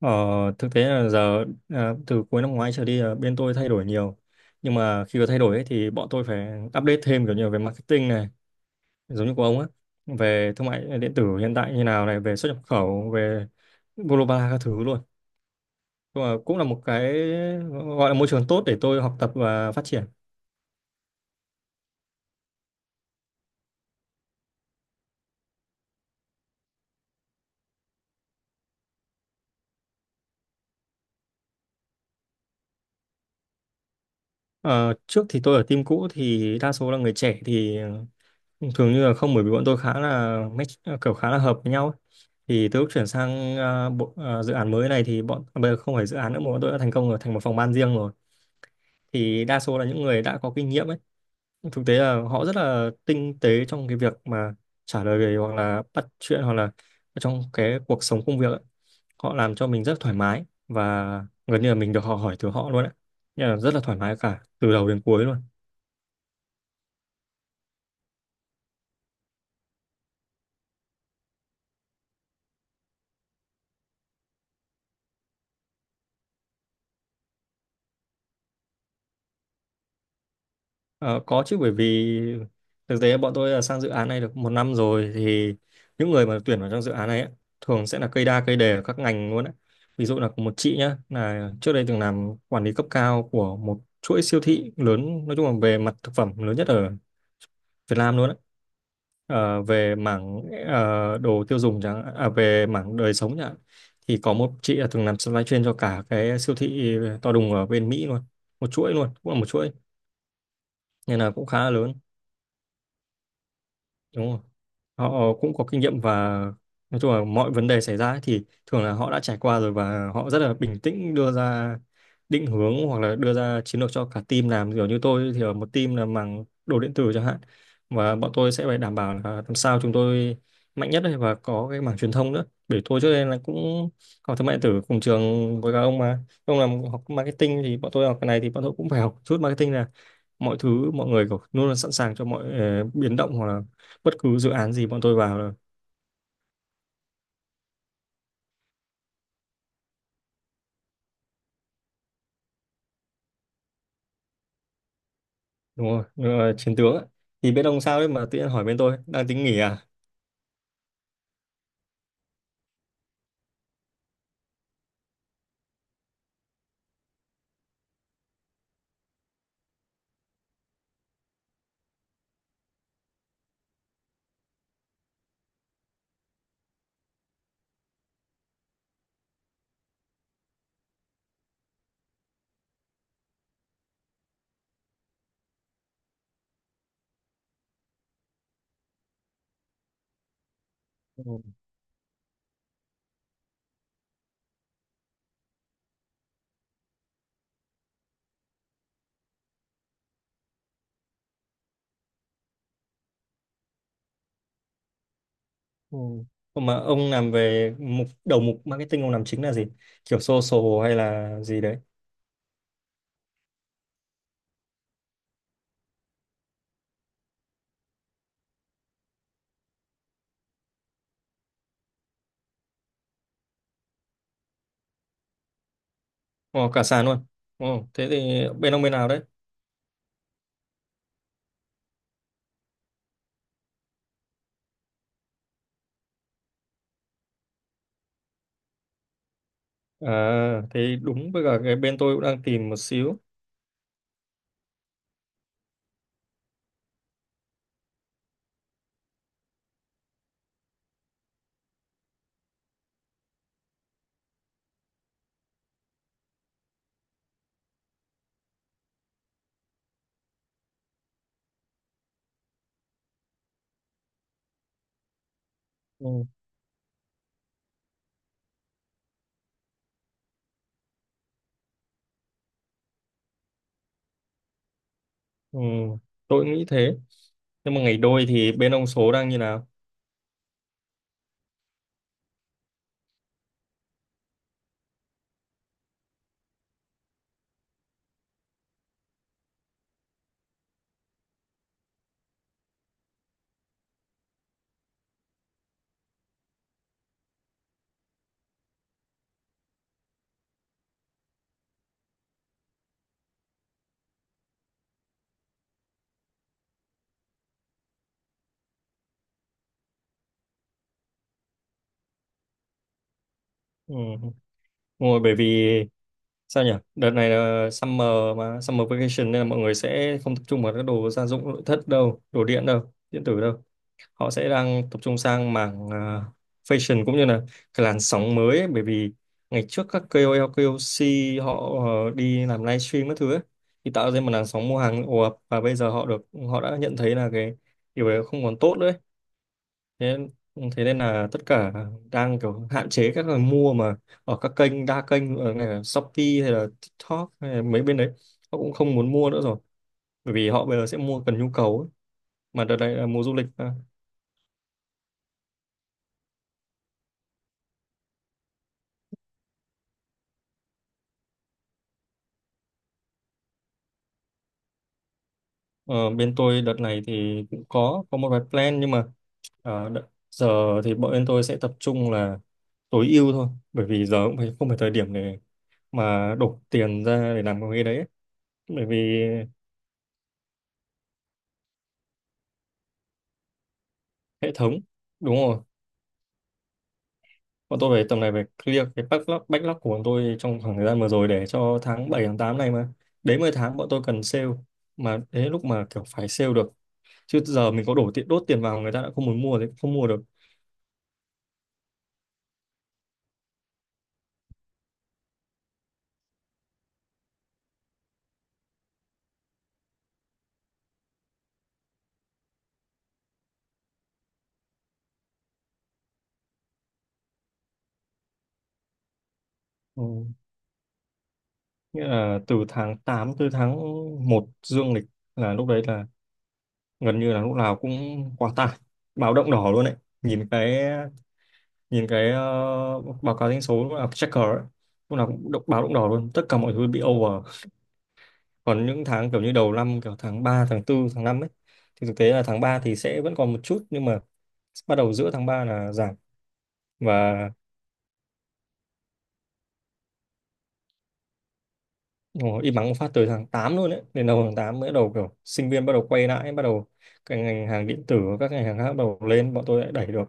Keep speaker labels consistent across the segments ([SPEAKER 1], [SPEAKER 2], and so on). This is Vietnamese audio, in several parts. [SPEAKER 1] Ờ, Thực tế là giờ từ cuối năm ngoái trở đi là bên tôi thay đổi nhiều. Nhưng mà khi có thay đổi ấy, thì bọn tôi phải update thêm kiểu như về marketing này, giống như của ông á, về thương mại điện tử hiện tại như nào này, về xuất nhập khẩu, về global các thứ luôn. Nhưng mà cũng là một cái gọi là môi trường tốt để tôi học tập và phát triển. Ờ, Trước thì tôi ở team cũ thì đa số là người trẻ thì thường như là không, bởi vì bọn tôi khá là match, kiểu khá là hợp với nhau ấy. Thì từ lúc chuyển sang dự án mới này thì bây giờ không phải dự án nữa mà bọn tôi đã thành công rồi, thành một phòng ban riêng rồi, thì đa số là những người đã có kinh nghiệm ấy. Thực tế là họ rất là tinh tế trong cái việc mà trả lời về hoặc là bắt chuyện hoặc là trong cái cuộc sống công việc ấy. Họ làm cho mình rất thoải mái và gần như là mình được họ hỏi từ họ luôn ấy. Nên là rất là thoải mái cả từ đầu đến cuối luôn. Ờ, có chứ, bởi vì thực tế bọn tôi là sang dự án này được 1 năm rồi, thì những người mà tuyển vào trong dự án này ấy, thường sẽ là cây đa cây đề ở các ngành luôn ấy. Ví dụ là có một chị nhá là trước đây từng làm quản lý cấp cao của một chuỗi siêu thị lớn, nói chung là về mặt thực phẩm lớn nhất ở Việt Nam luôn ấy. Về mảng đồ tiêu dùng chẳng hạn, về mảng đời sống chẳng hạn. Thì có một chị là từng làm supply chain cho cả cái siêu thị to đùng ở bên Mỹ luôn, một chuỗi luôn, cũng là một chuỗi, nên là cũng khá là lớn, đúng không. Họ cũng có kinh nghiệm, và nói chung là mọi vấn đề xảy ra ấy, thì thường là họ đã trải qua rồi và họ rất là bình tĩnh đưa ra định hướng hoặc là đưa ra chiến lược cho cả team làm. Kiểu như tôi thì ở một team là mảng đồ điện tử chẳng hạn, và bọn tôi sẽ phải đảm bảo là làm sao chúng tôi mạnh nhất ấy, và có cái mảng truyền thông nữa, bởi tôi trước đây là cũng học thương mại điện tử cùng trường với các ông mà. Ông làm học marketing thì bọn tôi học cái này, thì bọn tôi cũng phải học chút marketing. Là mọi thứ, mọi người có- luôn luôn sẵn sàng cho mọi biến động hoặc là bất cứ dự án gì bọn tôi vào là. Đúng rồi. Nên là chiến tướng ấy. Thì bên ông sao đấy mà tự nhiên hỏi, bên tôi đang tính nghỉ à? Ừ. Ừ. Còn mà ông làm về mục đầu, mục marketing ông làm chính là gì, kiểu social hay là gì đấy? Ồ, cả sàn luôn. Ồ, thế thì bên ông bên nào đấy? À thế đúng với cả, cái bên tôi cũng đang tìm một xíu. Ừ. Ừ. Tôi cũng nghĩ thế, nhưng mà ngày đôi thì bên ông số đang như nào? Ừ. Đúng, bởi vì sao nhỉ, đợt này là summer, mà summer vacation nên là mọi người sẽ không tập trung vào các đồ gia dụng nội thất đâu, đồ điện đâu, điện tử đâu. Họ sẽ đang tập trung sang mảng fashion, cũng như là cái làn sóng mới ấy. Bởi vì ngày trước các KOL, KOC họ đi làm livestream các thứ ấy, thì tạo ra một làn sóng mua hàng ồ ạt, và bây giờ họ được, họ đã nhận thấy là cái điều đấy không còn tốt nữa. Thế, thế nên là tất cả đang kiểu hạn chế các người mua mà. Ở các kênh đa kênh ở này là Shopee hay là TikTok hay là mấy bên đấy, họ cũng không muốn mua nữa rồi, bởi vì họ bây giờ sẽ mua cần nhu cầu ấy. Mà đợt này là mùa du lịch mà. Ờ, bên tôi đợt này thì cũng có một vài plan, nhưng mà giờ thì bọn bên tôi sẽ tập trung là tối ưu thôi, bởi vì giờ cũng phải, không phải thời điểm để mà đổ tiền ra để làm cái đấy ấy. Bởi vì hệ thống, đúng rồi. Bọn tôi phải tầm này phải clear cái backlog, backlog của bọn tôi trong khoảng thời gian vừa rồi để cho tháng 7, tháng 8 này mà. Đến 10 tháng bọn tôi cần sale. Mà đến lúc mà kiểu phải sale được. Chứ giờ mình có đổ tiền đốt tiền vào, người ta đã không muốn mua thì không mua được. Ừ. Nghĩa là từ tháng 8 tới tháng 1 dương lịch, là lúc đấy là gần như là lúc nào cũng quá tải. Báo động đỏ luôn đấy. Nhìn cái, nhìn cái báo cáo doanh số lúc nào checker ấy. Lúc nào cũng động- báo động đỏ luôn. Tất cả mọi thứ bị over. Còn những tháng kiểu như đầu năm, kiểu tháng 3, tháng 4, tháng 5 ấy, thì thực tế là tháng 3 thì sẽ vẫn còn một chút, nhưng mà bắt đầu giữa tháng 3 là giảm. Và ồ, im ắng một phát tới tháng 8 luôn đấy, đến đầu tháng 8 mới bắt đầu kiểu sinh viên bắt đầu quay lại, bắt đầu cái ngành hàng điện tử, các ngành hàng khác bắt đầu lên, bọn tôi lại đẩy được.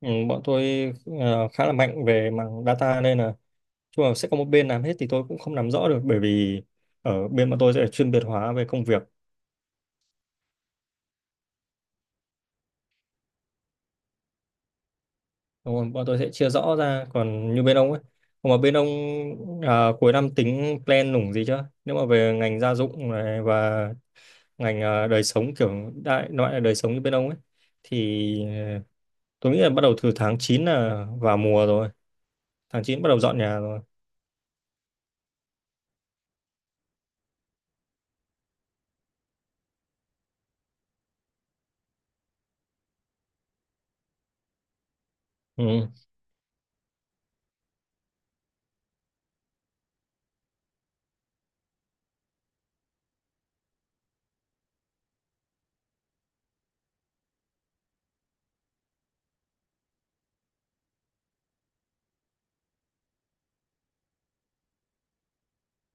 [SPEAKER 1] Ừ, Bọn tôi khá là mạnh về mảng data, nên là chung là sẽ có một bên làm hết, thì tôi cũng không nắm rõ được, bởi vì ở bên bọn tôi sẽ chuyên biệt hóa về công việc. Đúng rồi, bọn tôi sẽ chia rõ ra. Còn như bên ông ấy, còn mà bên ông, à, cuối năm tính plan nủng gì chưa, nếu mà về ngành gia dụng này và ngành đời sống, kiểu đại loại là đời sống như bên ông ấy, thì tôi nghĩ là bắt đầu từ tháng 9 là vào mùa rồi. tháng 9 bắt đầu dọn nhà rồi. Ừ.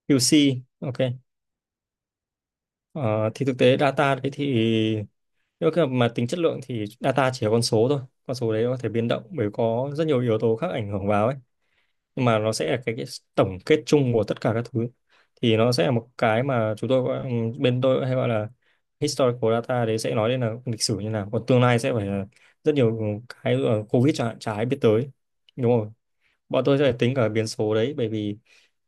[SPEAKER 1] QC, ok. Ờ, thì thực tế data đấy thì nếu mà tính chất lượng thì data chỉ là con số thôi. Con số đấy nó có thể biến động bởi có rất nhiều yếu tố khác ảnh hưởng vào ấy, nhưng mà nó sẽ là cái tổng kết chung của tất cả các thứ. Thì nó sẽ là một cái mà chúng tôi gọi-, bên tôi hay gọi là historical data đấy, sẽ nói đến là lịch sử như nào. Còn tương lai sẽ phải là rất nhiều cái, ở covid chả ai biết tới. Đúng rồi, bọn tôi sẽ phải tính cả biến số đấy. Bởi vì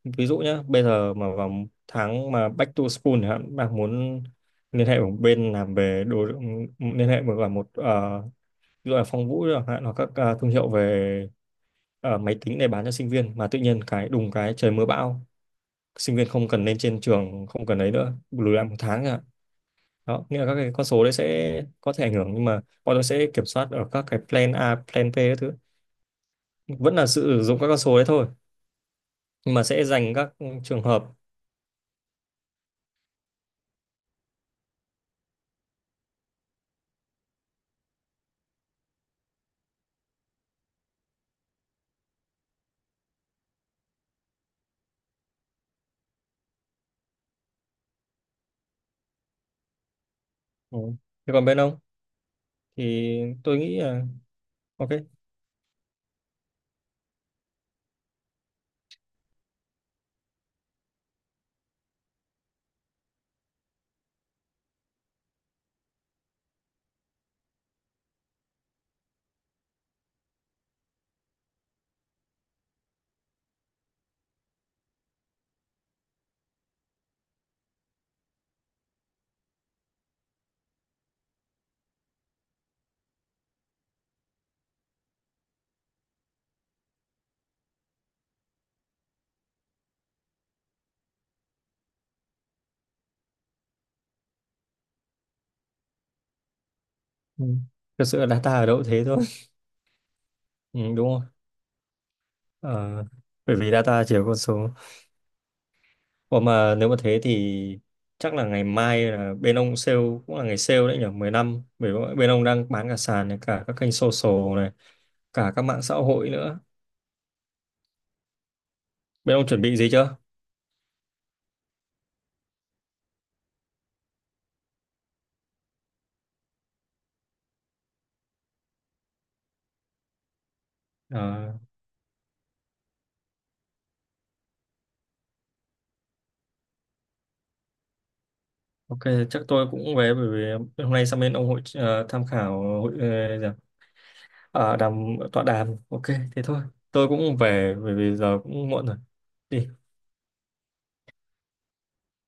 [SPEAKER 1] ví dụ nhé, bây giờ mà vào tháng mà back to school chẳng hạn, bạn muốn liên hệ với bên làm về đồ, liên hệ với cả một ví dụ là Phong Vũ chẳng hạn, hoặc các thương hiệu về máy tính để bán cho sinh viên, mà tự nhiên cái đùng cái trời mưa bão, sinh viên không cần lên trên trường, không cần ấy nữa, lùi lại 1 tháng ạ. Đó nghĩa là các cái con số đấy sẽ có thể ảnh hưởng, nhưng mà bọn tôi sẽ kiểm soát ở các cái plan A, plan B các thứ. Vẫn là sử dụng các con số đấy thôi, nhưng mà sẽ dành các trường hợp. Ừ. Thế còn bên ông thì tôi nghĩ là ok. Ừ. Thực sự là data ở đâu cũng thế thôi. Ừ, đúng rồi. Ờ, bởi vì data chỉ có con số. Còn mà nếu mà thế thì chắc là ngày mai là bên ông sale, cũng là ngày sale đấy nhỉ, mùng 10 tháng 5, bởi vì bên ông đang bán cả sàn này, cả các kênh social này, cả các mạng xã hội nữa. Bên ông chuẩn bị gì chưa? Ờ, ok. Chắc tôi cũng về, bởi vì hôm nay sang bên ông hội tham khảo, hội gì ạ? Ờ, đàm, tọa đàm, ok. Thế thôi, tôi cũng về bởi vì giờ cũng muộn rồi. Đi.